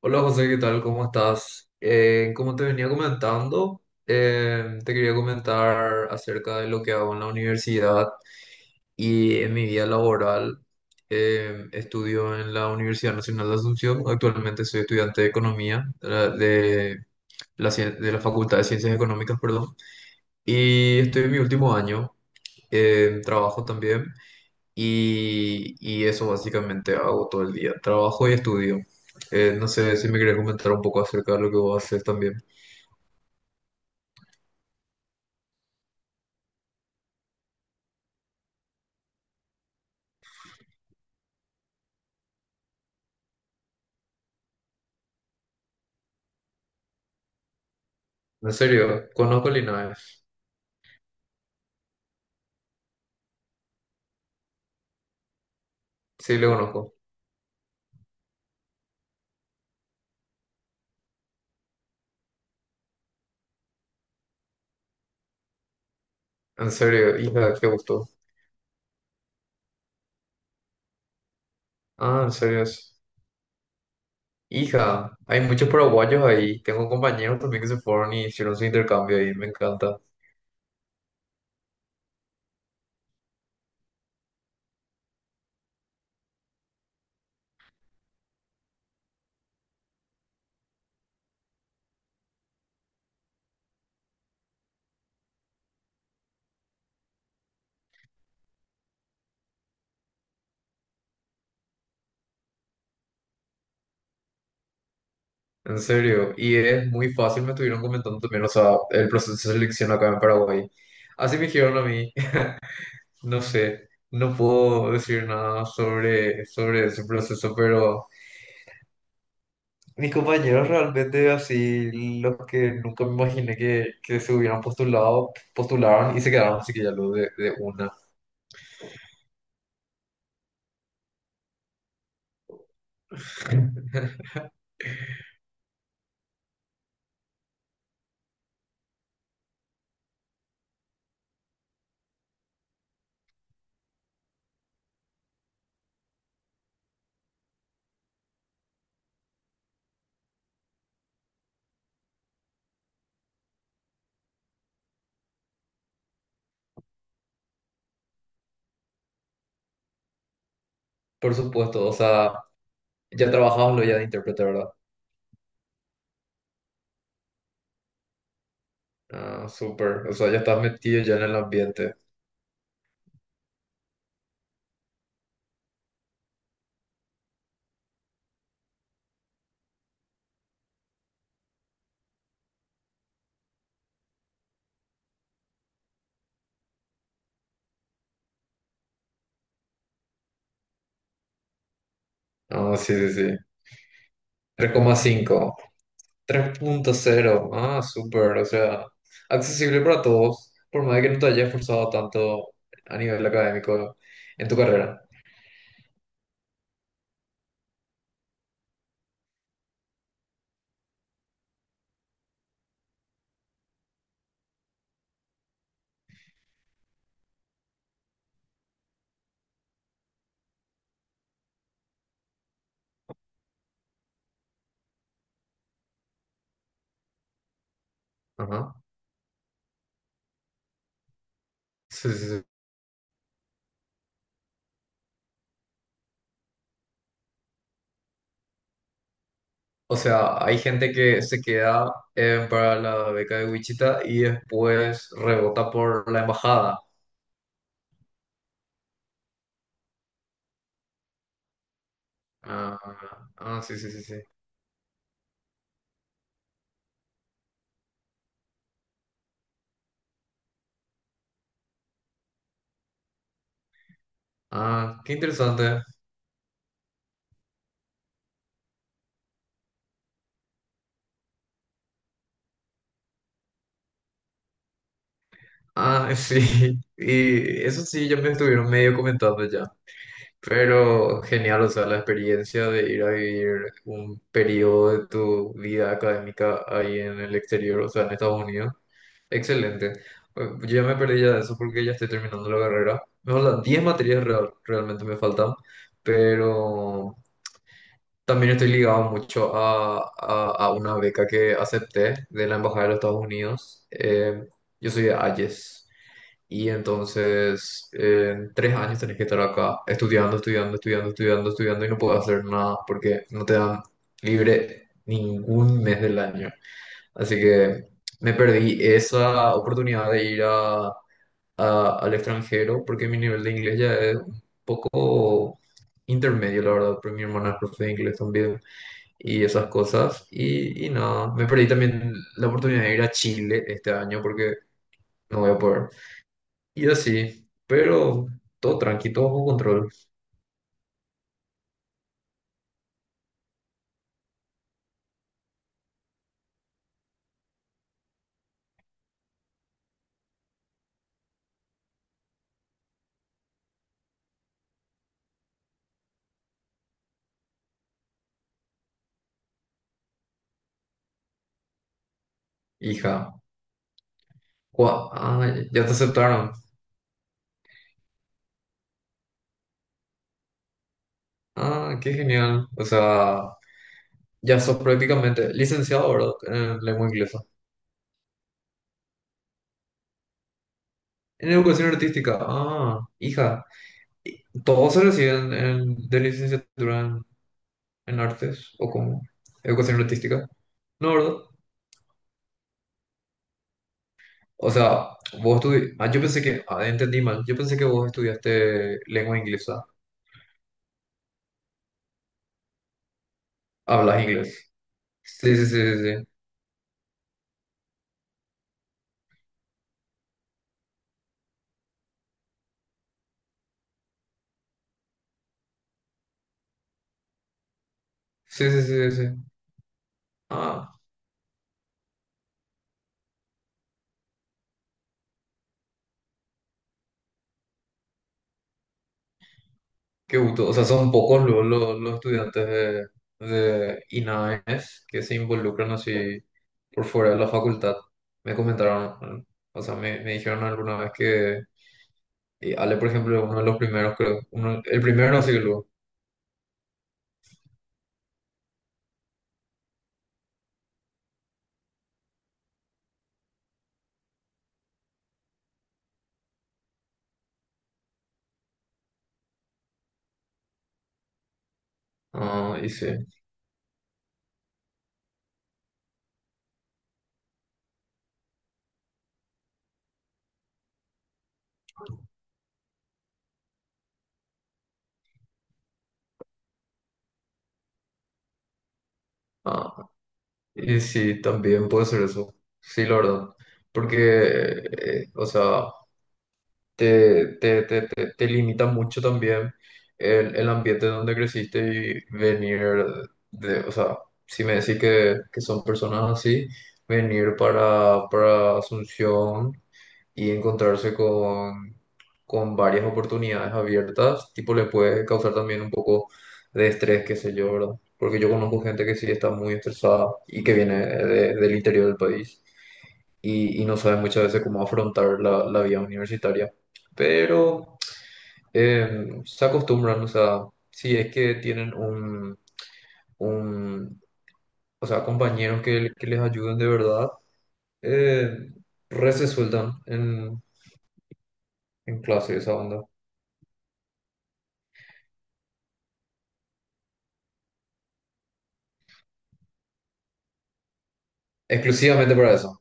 Hola José, ¿qué tal? ¿Cómo estás? Como te venía comentando, te quería comentar acerca de lo que hago en la universidad y en mi vida laboral. Estudio en la Universidad Nacional de Asunción. Actualmente soy estudiante de Economía de de la Facultad de Ciencias Económicas, perdón. Y estoy en mi último año. Trabajo también. Y eso básicamente hago todo el día, trabajo y estudio. No sé si me querés comentar un poco acerca de lo que vos haces también. En serio, conozco a Linares. Sí, le conozco. En serio, hija, qué gusto. Ah, en serio. Hija, hay muchos paraguayos ahí. Tengo compañeros también que se fueron y hicieron su intercambio ahí, me encanta. En serio, y es muy fácil, me estuvieron comentando también, o sea, el proceso de selección acá en Paraguay. Así me dijeron a mí. No sé, no puedo decir nada sobre ese proceso, pero mis compañeros realmente así, los que nunca me imaginé que se hubieran postulado, postularon y se quedaron así que ya lo de una. Por supuesto, o sea, ya trabajabas lo ya de intérprete, ¿verdad? Ah, súper. O sea, ya estás metido ya en el ambiente. Ah, sí, sí, sí. Tres coma cinco tres punto cero. Ah, súper. O sea, accesible para todos, por más de que no te hayas esforzado tanto a nivel académico en tu carrera. Ajá. Sí, sí, sí. O sea, hay gente que se queda para la beca de Wichita y después rebota por la embajada. Ah, ah, sí, sí, sí, sí. Ah, qué interesante. Ah, sí. Y eso sí, ya me estuvieron medio comentando ya. Pero genial, o sea, la experiencia de ir a vivir un periodo de tu vida académica ahí en el exterior, o sea, en Estados Unidos. Excelente. Yo ya me perdí ya de eso porque ya estoy terminando la carrera. Me faltan 10 materias realmente me faltan, pero también estoy ligado mucho a una beca que acepté de la Embajada de los Estados Unidos. Yo soy de Hayes. Y entonces, en 3 años tenés que estar acá estudiando y no puedes hacer nada porque no te dan libre ningún mes del año. Así que me perdí esa oportunidad de al extranjero porque mi nivel de inglés ya es un poco intermedio, la verdad, porque mi hermana es profe de inglés también y esas cosas. Y nada, me perdí también la oportunidad de ir a Chile este año porque no voy a poder. Y así, pero todo tranqui, todo bajo control. Hija, ah, ya te aceptaron. Ah, qué genial. O sea, ya sos prácticamente licenciado, ¿verdad? En lengua inglesa. En educación artística. Ah, hija, ¿y ¿todos se reciben de licenciatura en artes o cómo? Educación artística. No, ¿verdad? O sea, vos estudiaste. Ah, yo pensé que. Ah, entendí mal. Yo pensé que vos estudiaste lengua inglesa. Hablas inglés. Sí, sí, sí, sí. Sí. Sí, sí, sí, sí. Ah, qué gusto. O sea, son pocos luego los estudiantes de INAES que se involucran así por fuera de la facultad. Me comentaron, o sea, me dijeron alguna vez que y Ale, por ejemplo, uno de los primeros, creo. Uno, el primero no sé luego. Ah, y sí. Ah, y sí, también puede ser eso. Sí, la verdad. Porque, o sea, te limita mucho también el ambiente donde creciste y venir de, o sea, si me decís que son personas así, venir para Asunción y encontrarse con varias oportunidades abiertas, tipo le puede causar también un poco de estrés, qué sé yo, ¿verdad? Porque yo conozco gente que sí está muy estresada y que viene del interior del país y no sabe muchas veces cómo afrontar la vida universitaria. Pero se acostumbran, o sea, si es que tienen un o sea, compañeros que les ayuden de verdad, eh, re se sueltan en clase esa onda. Exclusivamente para eso.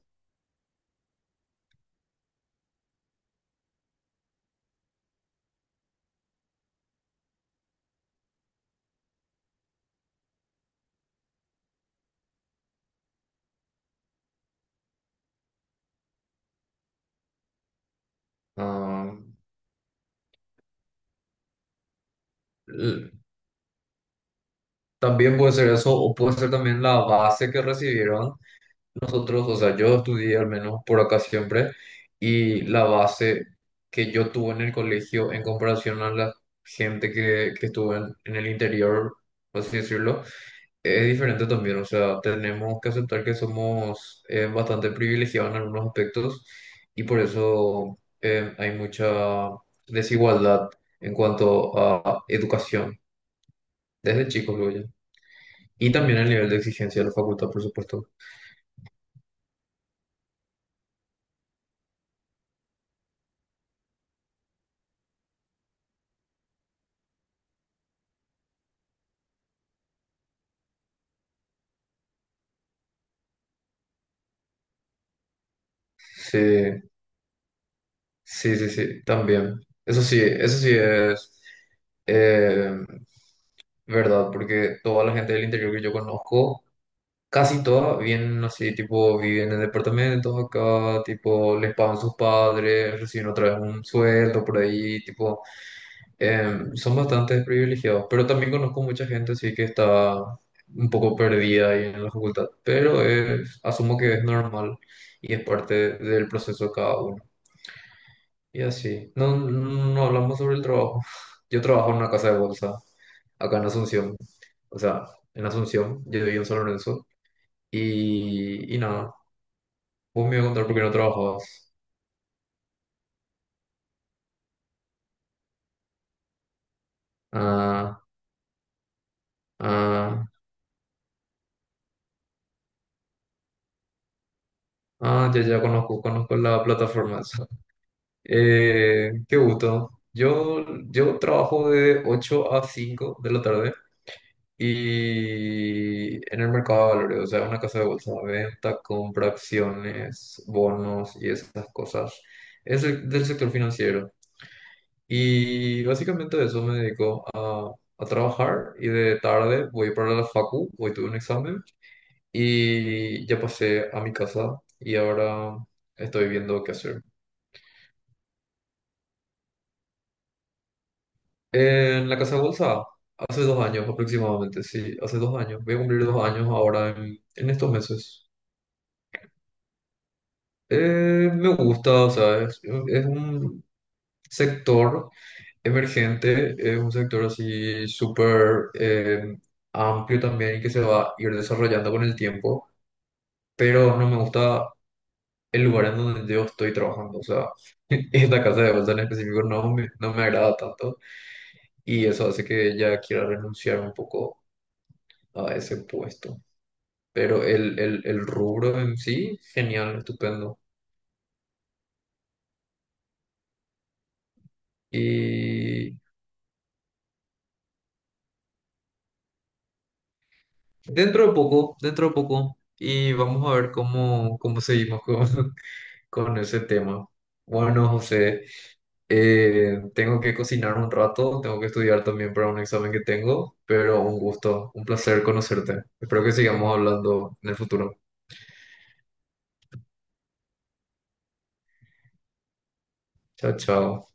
Ah, l- también puede ser eso, o puede ser también la base que recibieron nosotros, o sea, yo estudié al menos por acá siempre, y la base que yo tuve en el colegio en comparación a la gente que estuvo en el interior, por así decirlo, es diferente también, o sea, tenemos que aceptar que somos bastante privilegiados en algunos aspectos, y por eso hay mucha desigualdad en cuanto a educación, desde chicos, luego ya. Y también el nivel de exigencia de la facultad, por supuesto. Sí, sí, sí, sí, también. Eso sí es, eh, ¿verdad? Porque toda la gente del interior que yo conozco, casi todas vienen así, tipo, viven en departamentos acá, tipo, les pagan sus padres, reciben otra vez un sueldo por ahí, tipo, son bastante privilegiados. Pero también conozco mucha gente así que está un poco perdida ahí en la facultad, pero asumo que es normal y es parte del proceso de cada uno. Y así, no, no hablamos sobre el trabajo. Yo trabajo en una casa de bolsa, acá en Asunción. O sea, en Asunción, yo vivo en San Lorenzo. Y nada, vos me ibas a contar por qué no trabajabas. Ah, ah, ah, ya conozco, conozco la plataforma esa. Qué gusto. Yo trabajo de 8 a 5 de la tarde. Y en el mercado de valores, o sea, una casa de bolsa, venta, compra, acciones, bonos y esas cosas. Es del sector financiero. Y básicamente de eso me dedico a trabajar y de tarde voy para la facu, hoy tuve un examen y ya pasé a mi casa y ahora estoy viendo qué hacer. En la casa de bolsa, hace 2 años aproximadamente, sí, hace 2 años. Voy a cumplir 2 años ahora en estos meses. Me gusta, o sea, es un sector emergente, es un sector así súper amplio también y que se va a ir desarrollando con el tiempo, pero no me gusta el lugar en donde yo estoy trabajando, o sea, esta casa de bolsa en específico no me agrada tanto y eso hace que ya quiera renunciar un poco a ese puesto, pero el rubro en sí, genial, estupendo. Dentro de poco, dentro de poco. Y vamos a ver cómo, cómo seguimos con, con ese tema. Bueno, José, tengo que cocinar un rato, tengo que estudiar también para un examen que tengo, pero un gusto, un placer conocerte. Espero que sigamos hablando en el futuro. Chao, chao.